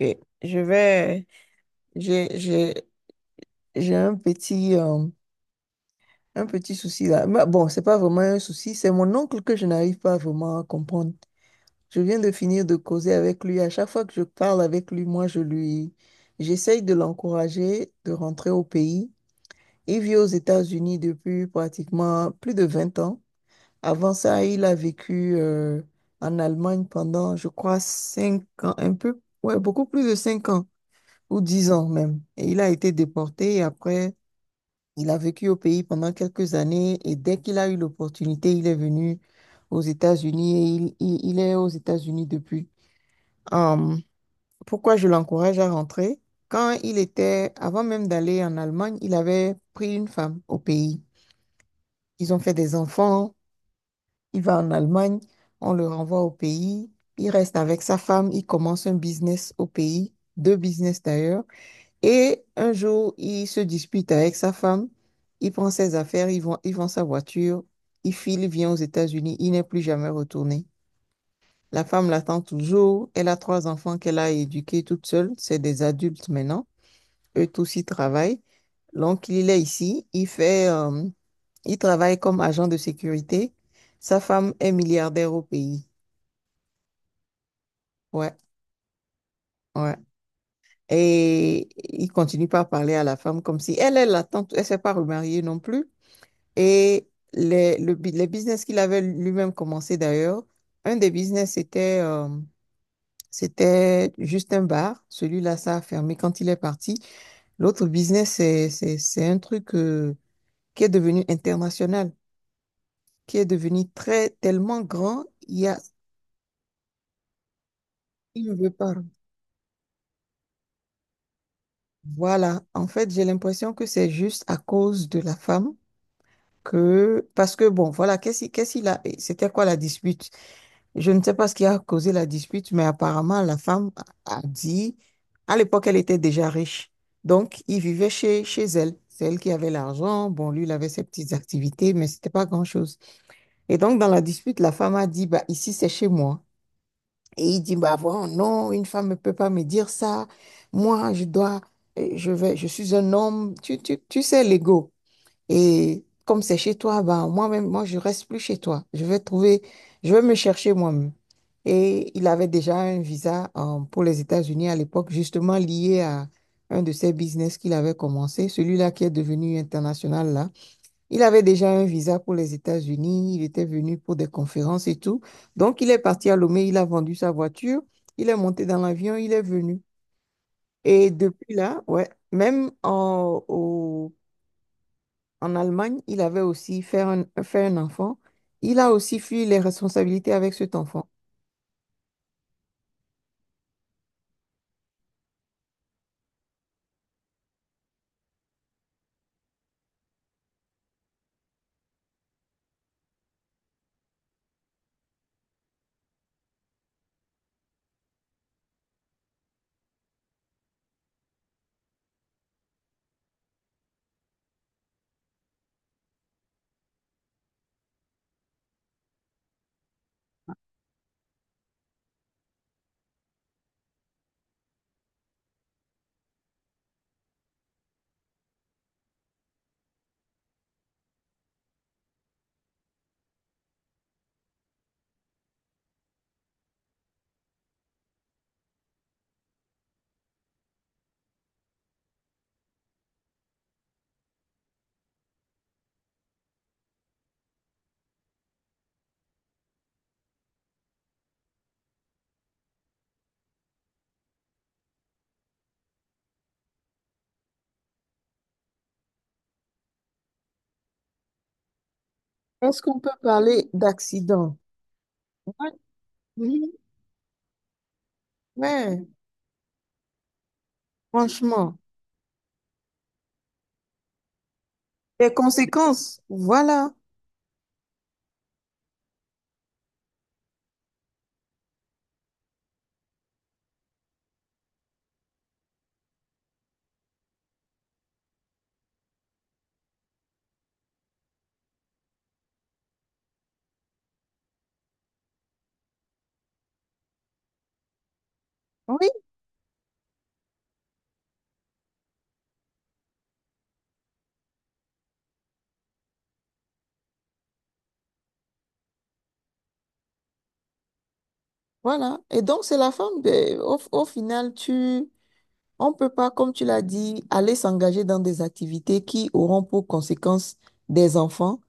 Ok, Je vais, j'ai, j'ai, j'ai un petit souci là. Mais bon, c'est pas vraiment un souci, c'est mon oncle que je n'arrive pas vraiment à comprendre. Je viens de finir de causer avec lui. À chaque fois que je parle avec lui, moi, j'essaye de l'encourager de rentrer au pays. Il vit aux États-Unis depuis pratiquement plus de 20 ans. Avant ça, il a vécu, en Allemagne pendant, je crois, 5 ans, un peu, ouais, beaucoup plus de 5 ans, ou 10 ans même. Et il a été déporté et après, il a vécu au pays pendant quelques années et dès qu'il a eu l'opportunité, il est venu aux États-Unis et il est aux États-Unis depuis. Hum, Pourquoi je l'encourage à rentrer? Avant même d'aller en Allemagne, il avait pris une femme au pays. Ils ont fait des enfants, il va en Allemagne, on le renvoie au pays, il reste avec sa femme, il commence un business au pays, deux business d'ailleurs. Et un jour, il se dispute avec sa femme, il prend ses affaires, il vend sa voiture, il file, il vient aux États-Unis, il n'est plus jamais retourné. La femme l'attend toujours, elle a trois enfants qu'elle a éduqués toute seule, c'est des adultes maintenant, eux tous ils travaillent. Donc il est ici, il travaille comme agent de sécurité. Sa femme est milliardaire au pays. Ouais, ouais. Et il continue pas à parler à la femme comme si elle l'attend, elle s'est pas remariée non plus. Et les business qu'il avait lui-même commencé d'ailleurs, un des business, c'était juste un bar. Celui-là, ça a fermé quand il est parti. L'autre business, c'est un truc qui est devenu international, qui est devenu tellement grand, il y a. Il ne veut pas. Voilà. En fait, j'ai l'impression que c'est juste à cause de la femme que, parce que bon, voilà, qu'est-ce qu'il a, c'était quoi la dispute? Je ne sais pas ce qui a causé la dispute, mais apparemment, la femme a dit, à l'époque, elle était déjà riche. Donc, il vivait chez elle. C'est elle qui avait l'argent. Bon, lui, il avait ses petites activités, mais c'était pas grand-chose. Et donc, dans la dispute, la femme a dit, bah, ici, c'est chez moi. Et il dit, bah, bon, non, une femme ne peut pas me dire ça. Moi, je dois, je vais, je suis un homme. Tu sais, l'ego. Et comme c'est chez toi, ben, moi-même, moi, je reste plus chez toi. Je vais trouver, je vais me chercher moi-même. Et il avait déjà un visa pour les États-Unis à l'époque, justement lié à un de ses business qu'il avait commencé, celui-là qui est devenu international là. Il avait déjà un visa pour les États-Unis, il était venu pour des conférences et tout. Donc, il est parti à Lomé, il a vendu sa voiture, il est monté dans l'avion, il est venu. Et depuis là, ouais, même en, au en Allemagne, il avait aussi fait un enfant. Il a aussi fui les responsabilités avec cet enfant. Est-ce qu'on peut parler d'accident? Ouais, oui, ouais, franchement. Les conséquences, voilà. Oui, voilà. Et donc, c'est la femme. Au final, on peut pas, comme tu l'as dit, aller s'engager dans des activités qui auront pour conséquence des enfants.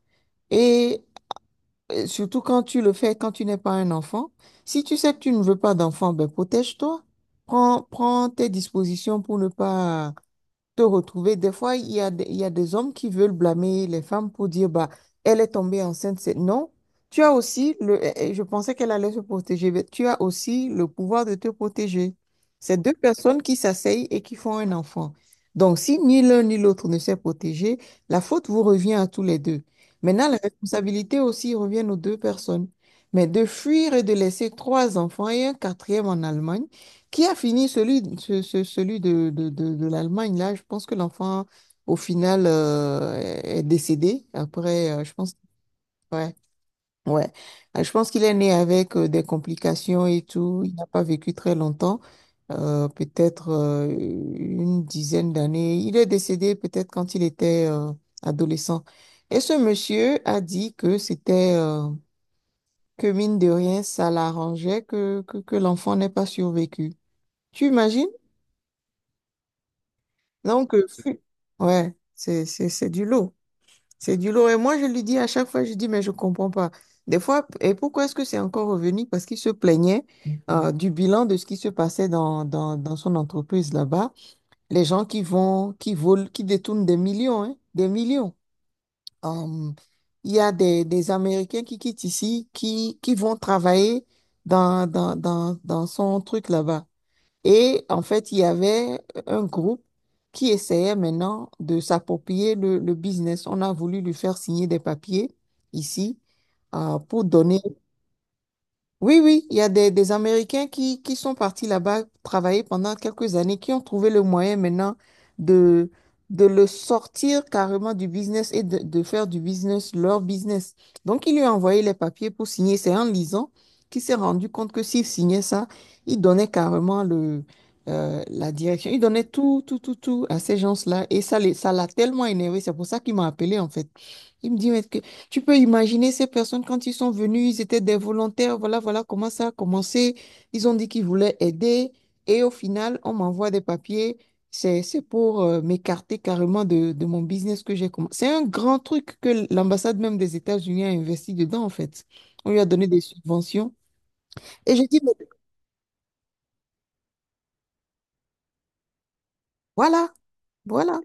Et Et surtout quand tu le fais, quand tu n'es pas un enfant. Si tu sais que tu ne veux pas d'enfant, ben protège-toi. Prends tes dispositions pour ne pas te retrouver. Des fois, il y a des hommes qui veulent blâmer les femmes pour dire, bah, elle est tombée enceinte. Non, tu as aussi je pensais qu'elle allait se protéger, mais tu as aussi le pouvoir de te protéger. C'est deux personnes qui s'asseyent et qui font un enfant. Donc, si ni l'un ni l'autre ne s'est protégé, la faute vous revient à tous les deux. Maintenant, les responsabilités aussi reviennent aux deux personnes. Mais de fuir et de laisser trois enfants et un quatrième en Allemagne, qui a fini celui de l'Allemagne, là? Je pense que l'enfant, au final, est décédé. Après, je pense, ouais, ouais. Je pense qu'il est né avec des complications et tout. Il n'a pas vécu très longtemps, peut-être une dizaine d'années. Il est décédé peut-être quand il était adolescent. Et ce monsieur a dit que mine de rien, ça l'arrangeait que l'enfant n'ait pas survécu. Tu imagines? Donc, ouais, c'est du lot. C'est du lot. Et moi, je lui dis à chaque fois, je dis, mais je comprends pas. Des fois, et pourquoi est-ce que c'est encore revenu? Parce qu'il se plaignait du bilan de ce qui se passait dans son entreprise là-bas. Les gens qui vont, qui volent, qui détournent des millions, hein, des millions. Hum, il y a des Américains qui quittent ici, qui vont travailler dans son truc là-bas. Et en fait, il y avait un groupe qui essayait maintenant de s'approprier le business. On a voulu lui faire signer des papiers ici pour donner. Oui, oui, il y a des Américains qui sont partis là-bas travailler pendant quelques années, qui ont trouvé le moyen maintenant de, de le sortir carrément du business et de faire du business leur business. Donc, il lui a envoyé les papiers pour signer. C'est en lisant qu'il s'est rendu compte que s'il signait ça, il donnait carrément la direction. Il donnait tout, tout, tout, tout à ces gens-là. Et ça, ça l'a tellement énervé. C'est pour ça qu'il m'a appelé, en fait. Il me dit, mais tu peux imaginer ces personnes quand ils sont venus, ils étaient des volontaires, voilà, voilà comment ça a commencé. Ils ont dit qu'ils voulaient aider et au final, on m'envoie des papiers. C'est pour m'écarter carrément de mon business que j'ai commencé. C'est un grand truc que l'ambassade même des États-Unis a investi dedans, en fait. On lui a donné des subventions. Et j'ai dit, mais voilà, voilà.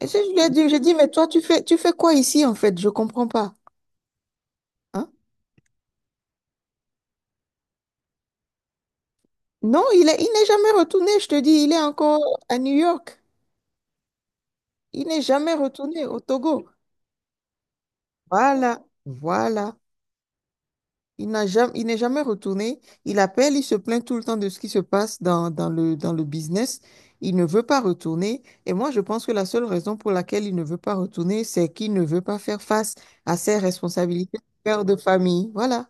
Et je lui ai dit, j'ai dit, mais toi, tu fais quoi ici, en fait? Je comprends pas. Hein? Non, il n'est jamais retourné, je te dis, il est encore à New York. Il n'est jamais retourné au Togo. Voilà, voilà. Il n'est jamais retourné. Il appelle, il se plaint tout le temps de ce qui se passe dans le business. Il ne veut pas retourner. Et moi, je pense que la seule raison pour laquelle il ne veut pas retourner, c'est qu'il ne veut pas faire face à ses responsabilités de père de famille. Voilà.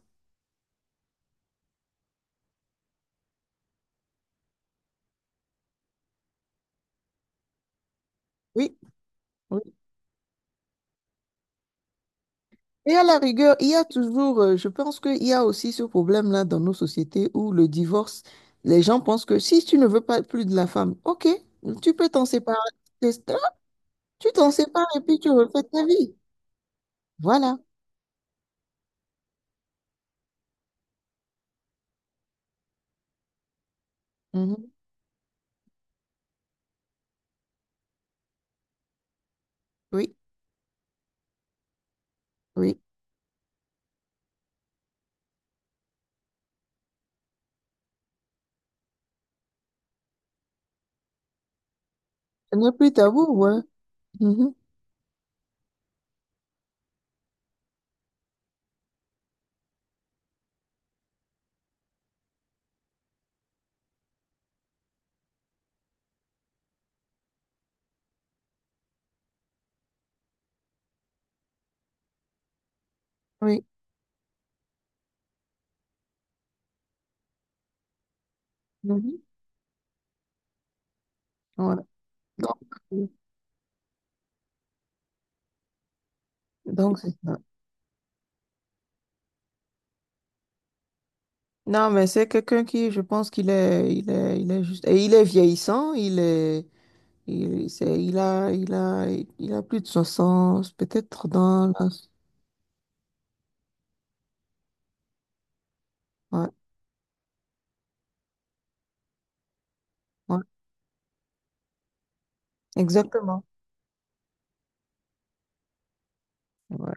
Oui. Et à la rigueur, il y a toujours, je pense qu'il y a aussi ce problème-là dans nos sociétés où le divorce, les gens pensent que si tu ne veux pas plus de la femme, ok, tu peux t'en séparer. C'est- ah, Tu t'en sépares et puis tu refais ta vie. Voilà. Mhm. Oui, oui. Ce n'est plus tabou, ouais. Mhm. Oui. Mhm. Voilà. Donc, oui. Donc c'est ça. Non, mais c'est quelqu'un qui, je pense qu'il est juste, et il est vieillissant, il est, Il, c'est- il a, il a, il a plus de 60 peut-être dans la. Ouais, ouais, exactement. Ouais.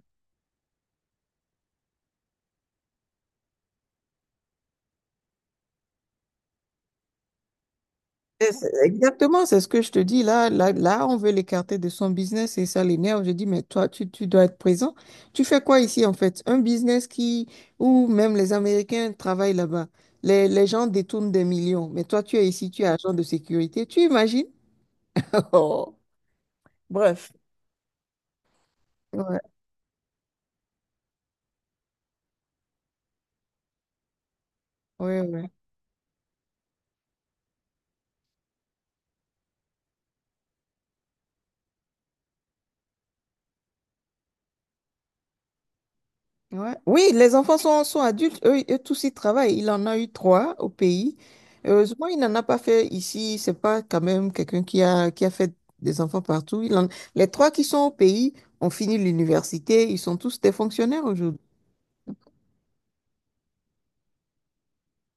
Exactement, c'est ce que je te dis. Là, là, là, on veut l'écarter de son business et ça l'énerve. Je dis, mais toi, tu dois être présent. Tu fais quoi ici, en fait? Un business où même les Américains travaillent là-bas. Les gens détournent des millions. Mais toi, tu es ici, tu es agent de sécurité. Tu imagines? Oh. Bref. Ouais, ouais, ouais. Ouais. Oui, les enfants sont adultes, eux tous ils travaillent. Il en a eu trois au pays. Heureusement, il n'en a pas fait ici. C'est pas quand même quelqu'un qui a fait des enfants partout. Les trois qui sont au pays ont fini l'université. Ils sont tous des fonctionnaires aujourd'hui.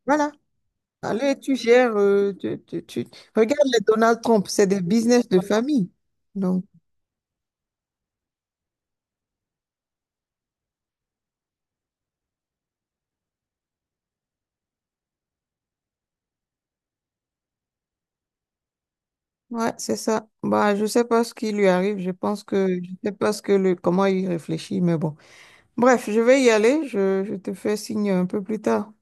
Voilà. Allez, tu gères. Regarde les Donald Trump, c'est des business de famille. Donc, ouais, c'est ça. Bah, je sais pas ce qui lui arrive. Je pense que je sais pas ce que le comment il réfléchit, mais bon. Bref, je vais y aller. Je te fais signe un peu plus tard.